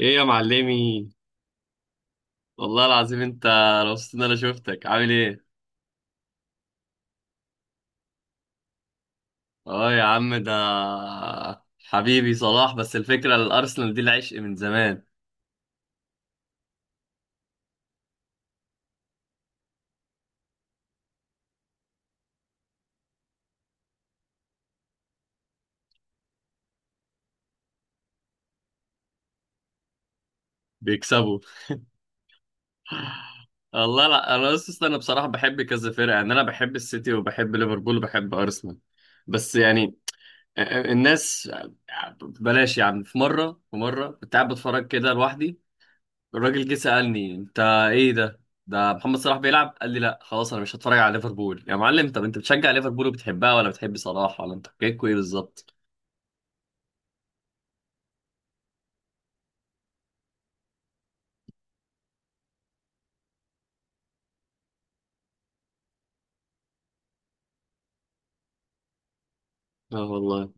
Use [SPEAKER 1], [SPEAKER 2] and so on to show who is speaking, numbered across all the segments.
[SPEAKER 1] ايه يا معلمي، والله العظيم انت مبسوط ان انا شفتك. عامل ايه؟ اه، يا عم، ده حبيبي صلاح، بس الفكره الارسنال دي العشق من زمان. بيكسبوا. والله لا، انا بصراحه بحب كذا فرقه، يعني انا بحب السيتي وبحب ليفربول وبحب ارسنال. بس يعني الناس بلاش. يعني في مره كنت قاعد بتفرج كده لوحدي، الراجل جه سألني: انت ايه ده؟ ده محمد صلاح بيلعب. قال لي: لا خلاص انا مش هتفرج على ليفربول يا معلم. طب انت بتشجع ليفربول وبتحبها، ولا بتحب صلاح، ولا انت حكايتكوا ايه بالظبط؟ اه والله.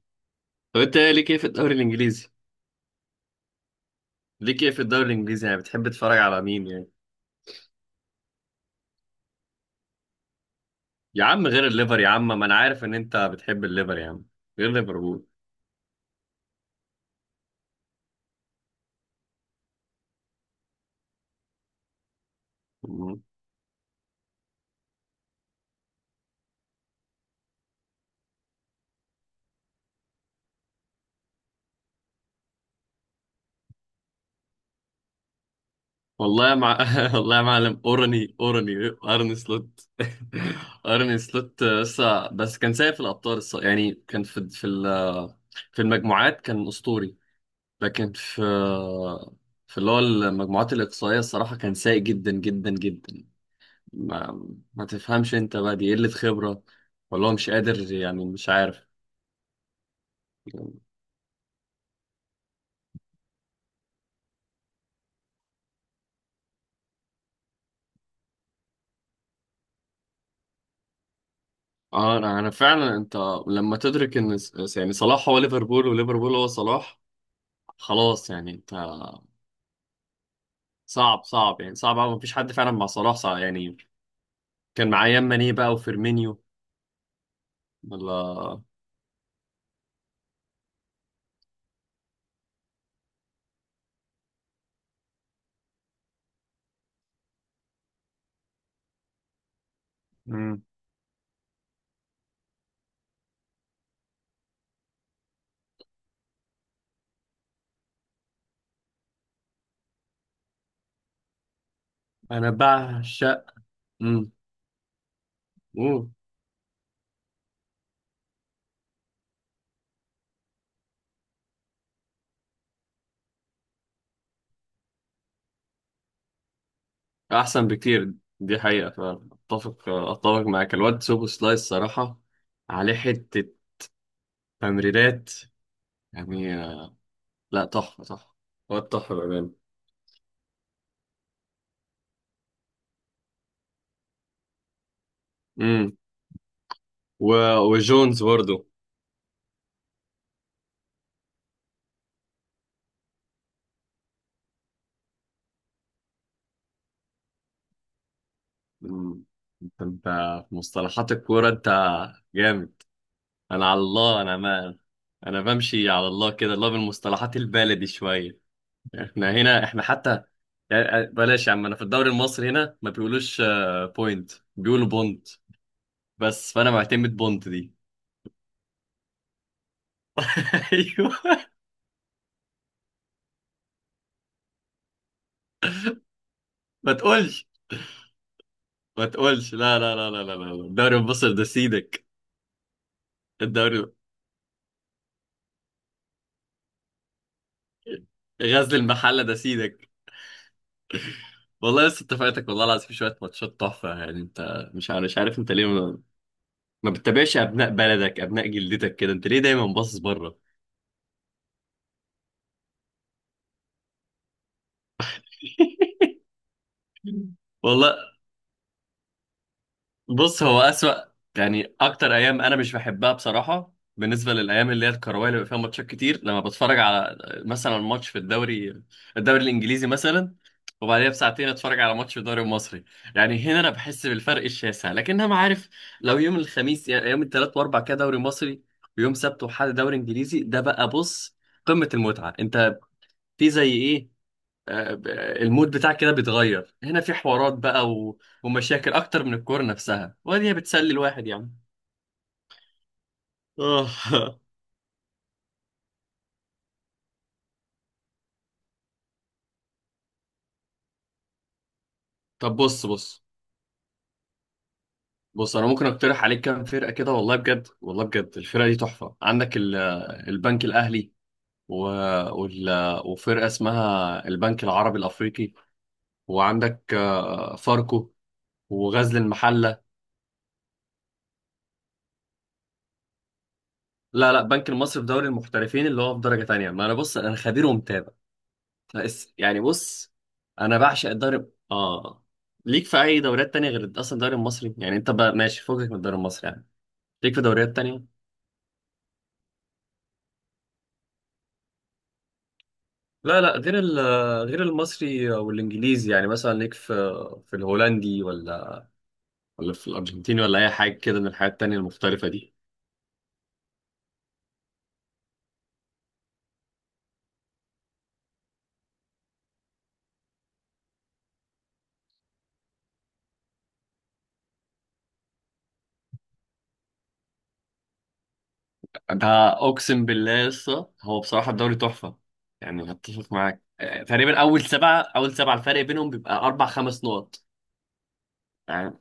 [SPEAKER 1] طب انت ايه؟ ليك ايه في الدوري الانجليزي؟ ليك ايه في الدوري الانجليزي يعني، بتحب تتفرج على مين يعني؟ يا عم غير الليفر، يا عم ما انا عارف ان انت بتحب الليفر، يا عم غير ليفربول. مم. والله والله يا معلم، اورني اورني ارن سلوت ارني سلوت، لسه بس كان سايق في الابطال يعني كان في المجموعات، كان اسطوري. لكن في في اللي هو المجموعات الاقصائيه الصراحه كان سايق جدا جدا جدا. ما, ما تفهمش انت بقى، دي قله خبره ولا هو مش قادر؟ يعني مش عارف. اه، انا فعلا، انت لما تدرك ان يعني صلاح هو ليفربول وليفربول هو صلاح، خلاص يعني انت. صعب صعب يعني، صعب أوي، مفيش حد فعلا مع صلاح. صعب يعني، كان معايا ماني بقى وفيرمينيو. الله. مم. انا بعشق. مم. مم. احسن بكتير، دي حقيقة. فاتفق، اتفق معاك، الواد سوبو سلايس صراحة عليه حتة تمريرات، يعني لا، تحفة تحفة، واد تحفة بأمانة. مم. و... وجونز برضه. مم. انت في مصطلحات الكورة انت جامد. انا على الله، انا ما انا بمشي على الله كده، الله، بالمصطلحات البلدي شوية. احنا هنا، احنا حتى يعني بلاش يا عم، انا في الدوري المصري هنا ما بيقولوش بوينت، بيقولوا بونت. بس فانا معتمد بونت دي. ايوه. ما تقولش، ما تقولش لا لا لا لا لا لا لا. الدوري المصري ده سيدك. الدوري غزل المحله ده سيدك، والله لسه اتفقتك والله العظيم في شويه ماتشات تحفه. يعني انت مش عارف، مش عارف انت ليه ما بتتابعش ابناء بلدك، ابناء جلدتك كده؟ انت ليه دايما باصص بره؟ والله بص، هو أسوأ يعني. أكتر أيام أنا مش بحبها بصراحة، بالنسبة للأيام اللي هي الكروية اللي بيبقى فيها ماتشات كتير، لما بتفرج على مثلا ماتش في الدوري الإنجليزي مثلا، وبعديها بساعتين أتفرج على ماتش في الدوري المصري، يعني هنا أنا بحس بالفرق الشاسع. لكن أنا عارف لو يوم الخميس، يعني يوم الثلاث وأربع كده دوري مصري، ويوم سبت وحد دوري إنجليزي، ده بقى بص قمة المتعة. أنت في زي إيه؟ آه، المود بتاعك كده بيتغير، هنا في حوارات بقى ومشاكل اكتر من الكورة نفسها، وهي بتسلي الواحد يعني. اه. طب بص بص، بص انا ممكن اقترح عليك كام فرقة كده، والله بجد، والله بجد الفرقة دي تحفة. عندك البنك الاهلي و... وال... وفرقة اسمها البنك العربي الافريقي، وعندك فاركو وغزل المحلة. لا لا، بنك المصري في دوري المحترفين اللي هو في درجة تانية. ما انا بص، انا خبير ومتابع. بس يعني بص، انا بعشق الدوري، اه. ليك في اي دوريات تانية غير اصلا الدوري المصري يعني؟ انت بقى ماشي فوقك من الدوري المصري، يعني ليك في دوريات تانية؟ لا لا، غير غير المصري والانجليزي، يعني مثلا ليك في في الهولندي، ولا في الارجنتيني، ولا اي حاجة كده من الحاجات التانية المختلفة دي؟ ده اقسم بالله لسه، هو بصراحة الدوري تحفة. يعني هتفق معاك، تقريبا اول 7، اول سبعة الفرق بينهم بيبقى اربع خمس نقط يعني.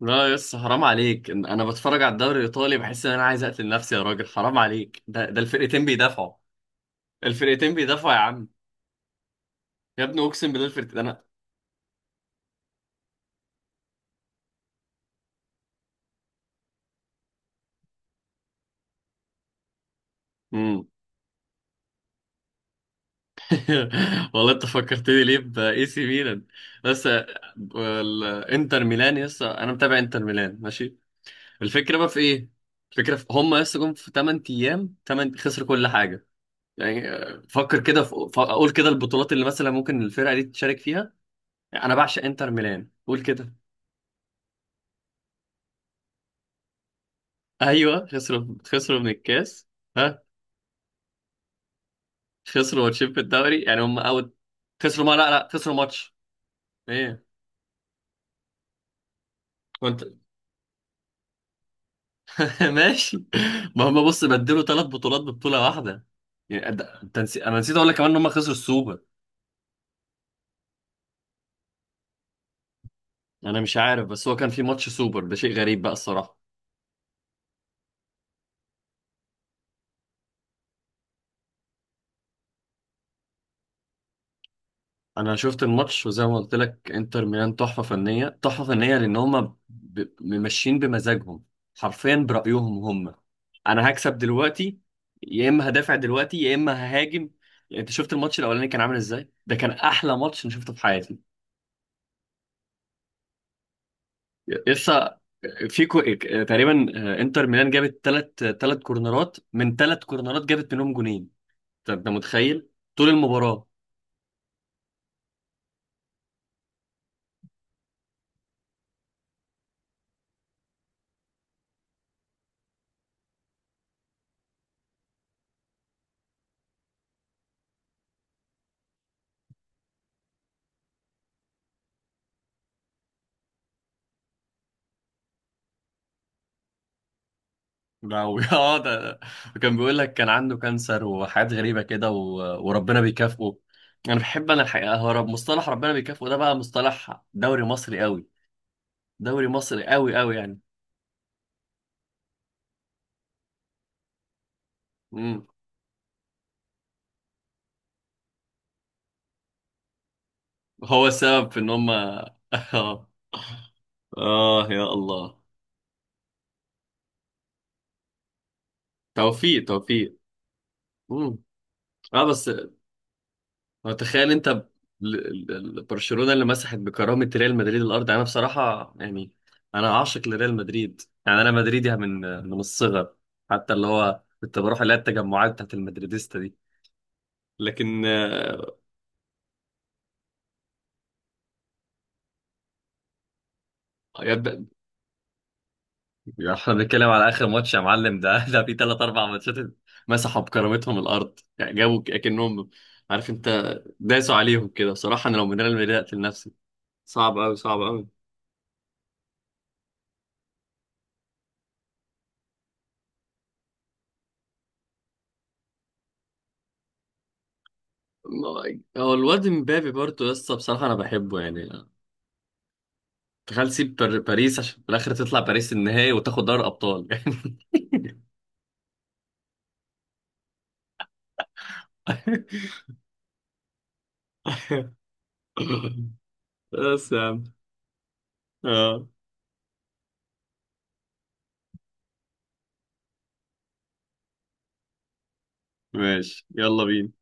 [SPEAKER 1] لا يس، حرام عليك إن انا بتفرج على الدوري الايطالي بحس ان انا عايز اقتل نفسي يا راجل. حرام عليك، ده الفرقتين بيدافعوا، الفرقتين بيدافعوا يا عم، يا ابني اقسم بالله الفرقتين انا. مم. والله انت فكرتني ليه باي سي ميلان. بس الانتر ميلان، يس انا متابع انتر ميلان ماشي. الفكره بقى في ايه؟ الفكره في، هم يس جم في 8 ايام 8 خسروا كل حاجه، يعني فكر كده اقول كده البطولات اللي مثلا ممكن الفرقه دي تشارك فيها. انا بعشق انتر ميلان قول كده. ايوه، خسروا من الكاس. ها، خسروا ماتشين في الدوري، يعني هم اوت. خسروا ما لا لا، خسروا ماتش. ايه؟ كنت... ماشي. ما هم بص بدلوا ثلاث بطولات ببطوله واحده، يعني انا نسيت اقول لك كمان ان هم خسروا السوبر. انا مش عارف، بس هو كان في ماتش سوبر، ده شيء غريب بقى الصراحه. انا شفت الماتش، وزي ما قلت لك انتر ميلان تحفه فنيه تحفه فنيه، لان هم ماشيين بمزاجهم، حرفيا برايهم هم. انا هكسب دلوقتي يا اما هدافع دلوقتي يا اما ههاجم. يعني انت شفت الماتش الاولاني كان عامل ازاي؟ ده كان احلى ماتش انا شفته في حياتي. لسه في تقريبا انتر ميلان جابت 3 كورنرات، من 3 كورنرات جابت منهم جونين. طب انت متخيل؟ طول المباراه اه، ده وكان بيقول لك كان عنده كانسر وحاجات غريبة كده وربنا بيكافئه. انا بحب، انا الحقيقة هو مصطلح ربنا بيكافئه ده بقى مصطلح دوري مصري قوي، دوري مصري قوي قوي يعني. امم. هو السبب في ان هم اه. اه يا الله. توفيق توفيق. امم. اه بس، هو تخيل انت برشلونة اللي مسحت بكرامة ريال مدريد الارض، يعني انا بصراحة يعني انا عاشق لريال مدريد، يعني انا مدريدي من الصغر. حتى اللي هو كنت بروح اللي هي التجمعات بتاعت المدريديستا دي، لكن يبدأ. يعني احنا بنتكلم على اخر ماتش يا معلم، ده في ثلاث اربع ماتشات مسحوا بكرامتهم الارض، يعني جابوا اكنهم، عارف انت، داسوا عليهم كده. بصراحة انا لو من ريال مدريد اقتل نفسي. صعب قوي صعب قوي. هو الواد مبابي برضه، لسه بصراحة أنا بحبه يعني. تخيل تسيب باريس عشان في الآخر تطلع باريس النهائي وتاخد دوري أبطال يعني. بس يا عم. اه ماشي، يلا بينا.